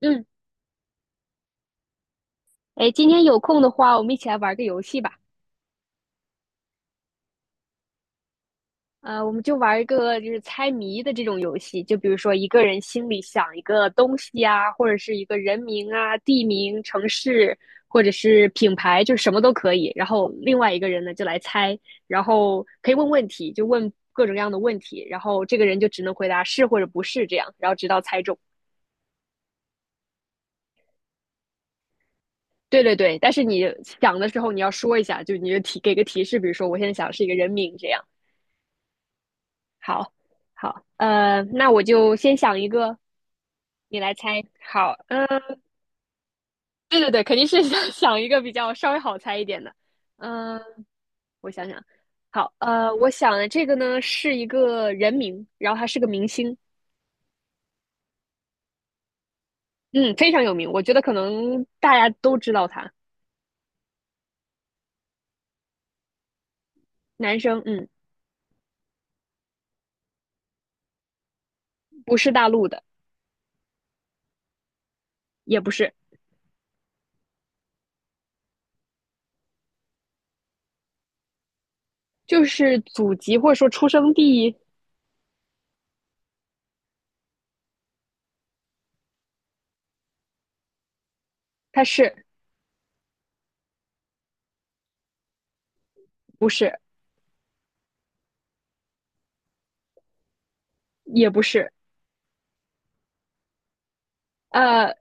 嗯，哎，今天有空的话，我们一起来玩个游戏吧。我们就玩一个就是猜谜的这种游戏，就比如说一个人心里想一个东西啊，或者是一个人名啊、地名、城市，或者是品牌，就什么都可以。然后另外一个人呢就来猜，然后可以问问题，就问各种各样的问题，然后这个人就只能回答是或者不是这样，然后直到猜中。对对对，但是你想的时候你要说一下，就你就提给个提示，比如说我现在想是一个人名这样。好，好，那我就先想一个，你来猜。好，嗯、对对对，肯定是 想一个比较稍微好猜一点的。嗯、我想想，好，我想的这个呢是一个人名，然后他是个明星，嗯，非常有名，我觉得可能大家都知道他，男生，嗯，不是大陆的，也不是，就是祖籍或者说出生地，他是，不是，也不是，呃，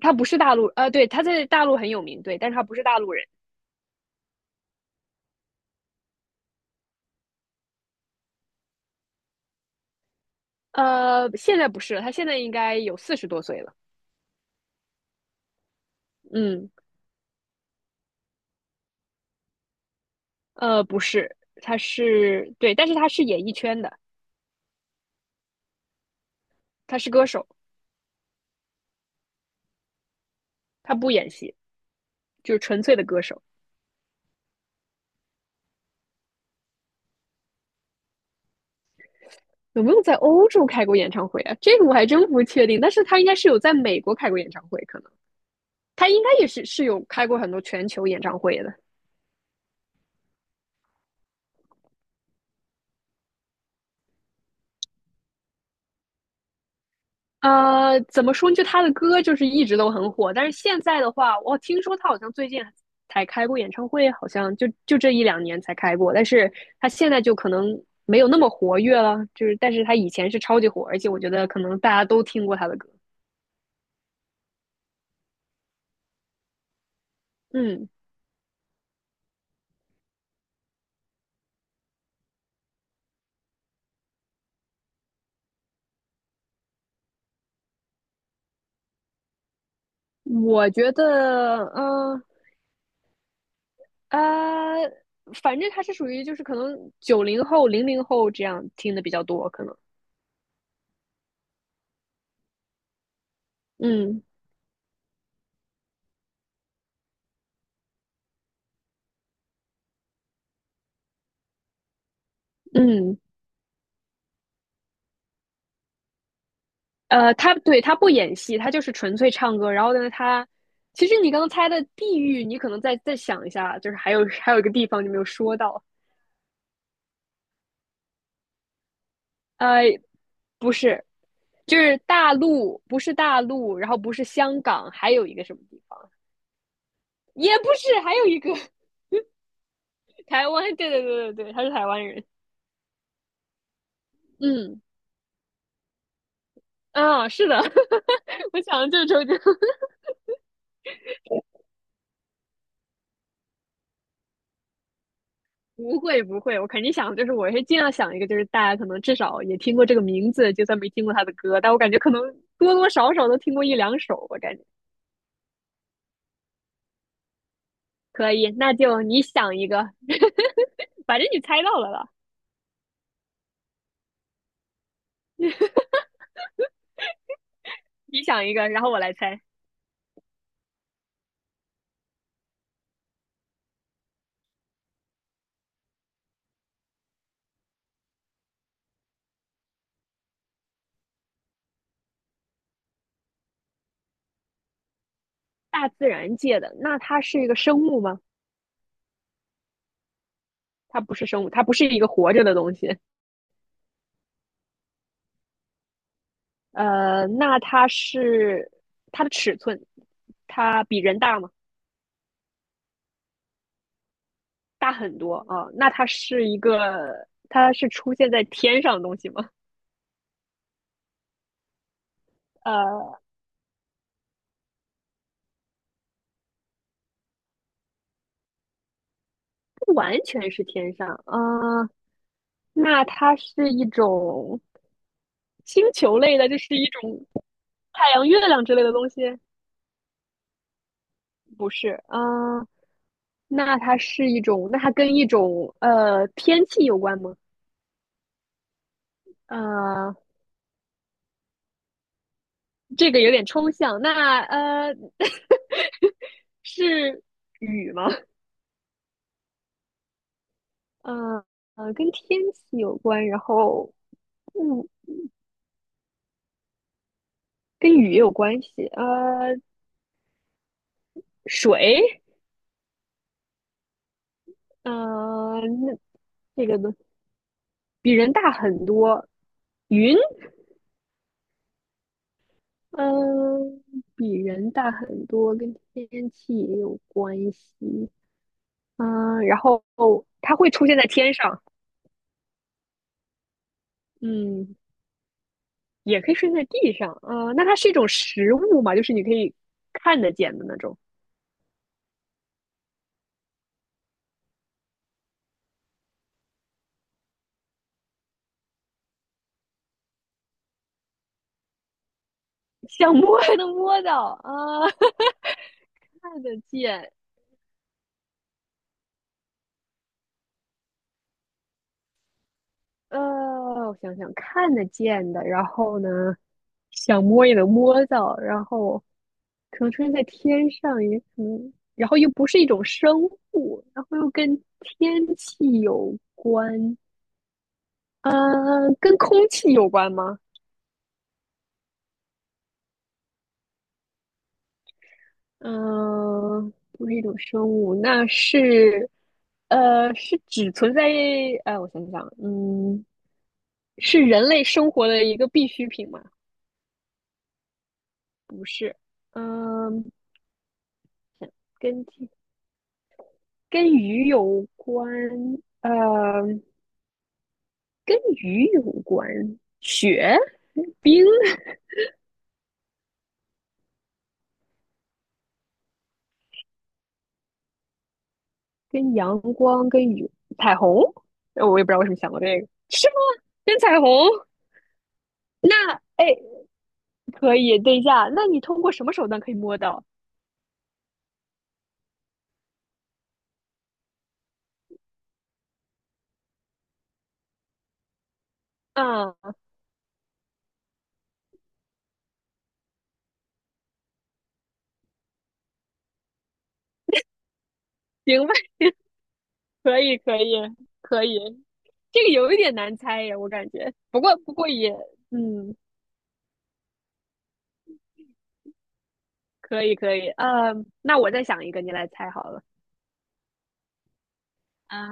他不是大陆，对，他在大陆很有名，对，但是他不是大陆人。现在不是了，他现在应该有四十多岁了。嗯，不是，他是，对，但是他是演艺圈的，他是歌手，他不演戏，就是纯粹的歌手。有没有在欧洲开过演唱会啊？这个我还真不确定，但是他应该是有在美国开过演唱会，可能他应该也是有开过很多全球演唱会的。怎么说？就他的歌就是一直都很火，但是现在的话，我听说他好像最近才开过演唱会，好像就这一两年才开过，但是他现在就可能没有那么活跃了，就是但是他以前是超级火，而且我觉得可能大家都听过他的歌。嗯，我觉得，嗯、呃、呃反正他是属于就是可能九零后、零零后这样听的比较多，可能，嗯嗯。他，对，他不演戏，他就是纯粹唱歌。然后呢，他其实你刚刚猜的地域，你可能再想一下，就是还有 还有一个地方你没有说到，呃，不是，就是大陆，不是大陆，然后不是香港，还有一个什么地方，也不是，还有一个 台湾。对对对对对，他是台湾人。嗯，啊，是的，我想的就是周杰伦。不会不会，我肯定想，就是我是尽量想一个，就是大家可能至少也听过这个名字，就算没听过他的歌，但我感觉可能多多少少都听过一两首，我感觉可以。那就你想一个，反正你猜到了吧？你想一个，然后我来猜。大自然界的，那它是一个生物吗？它不是生物，它不是一个活着的东西。那它是，它的尺寸，它比人大吗？大很多啊，那它是一个，它是出现在天上的东西吗？呃，不完全是天上，啊，那它是一种星球类的，就是一种太阳、月亮之类的东西，不是，啊，那它是一种，那它跟一种天气有关吗？呃，这个有点抽象，那是雨吗？呃跟天气有关，然后嗯，跟雨也有关系，水。嗯呃，那这个呢比人大很多，云，嗯，比人大很多，跟天气也有关系，嗯，然后它会出现在天上，嗯，也可以出现在地上，嗯，那它是一种实物嘛，就是你可以看得见的那种，想摸还能摸到啊，看得见，呃，我想想，看得见的，然后呢，想摸也能摸到，然后可能出现在天上，也可能，然后又不是一种生物，然后又跟天气有关，嗯、跟空气有关吗？嗯、不是一种生物，那是，是只存在，哎，我想想，嗯，是人类生活的一个必需品吗？不是，嗯、跟鸡跟鱼有关，呃，跟鱼有关，雪、冰、跟阳光、跟雨、彩虹，我也不知道为什么想到这个，是吗？跟彩虹？那哎，可以，等一下，那你通过什么手段可以摸到？嗯，行吧，可以，可以，可以，这个有一点难猜呀，我感觉，不过不过也，嗯，可以，可以，那我再想一个，你来猜好了，啊。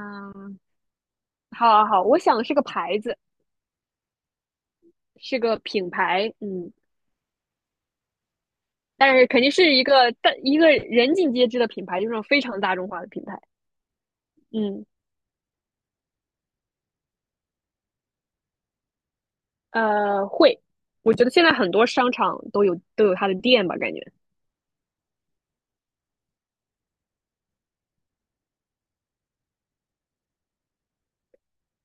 好好好，我想是个牌子，是个品牌，嗯，但是肯定是一个人尽皆知的品牌，就是那种非常大众化的品牌，嗯，会，我觉得现在很多商场都有它的店吧，感觉，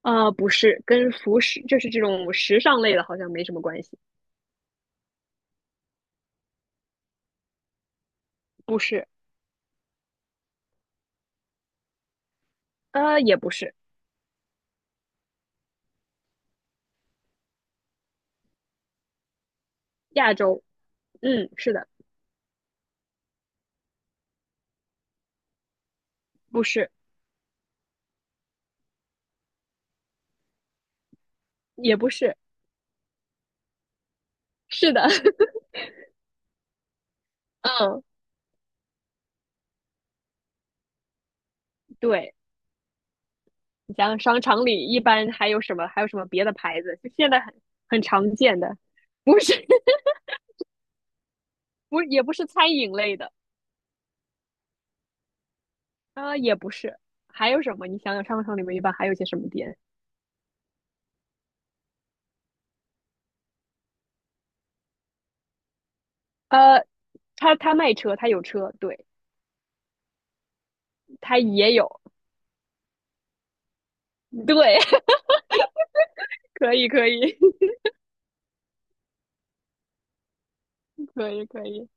不是，跟服饰就是这种时尚类的，好像没什么关系，不是，也不是，亚洲，嗯，是的，不是，也不是，是的，嗯，对。你想想商场里一般还有什么，还有什么别的牌子？就现在很常见的，不是 不也不是餐饮类的，啊、也不是，还有什么？你想想商场里面一般还有些什么店？呃，他卖车，他有车，对，他也有，对，可以可以 可以可以，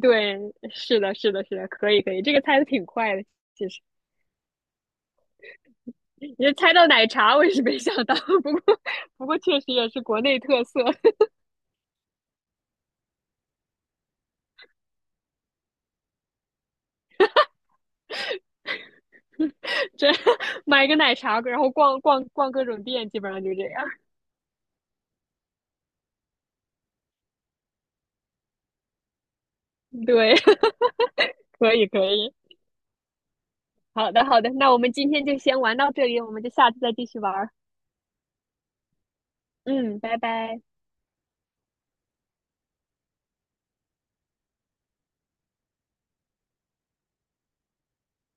对，是的是的是的，可以可以，这个猜的挺快的，其实。你猜到奶茶，我也是没想到，不过不过确实也是国内特色。这 买个奶茶，然后逛逛逛各种店，基本上就这样。对，可以可以，好的好的，那我们今天就先玩到这里，我们就下次再继续玩儿。嗯，拜拜。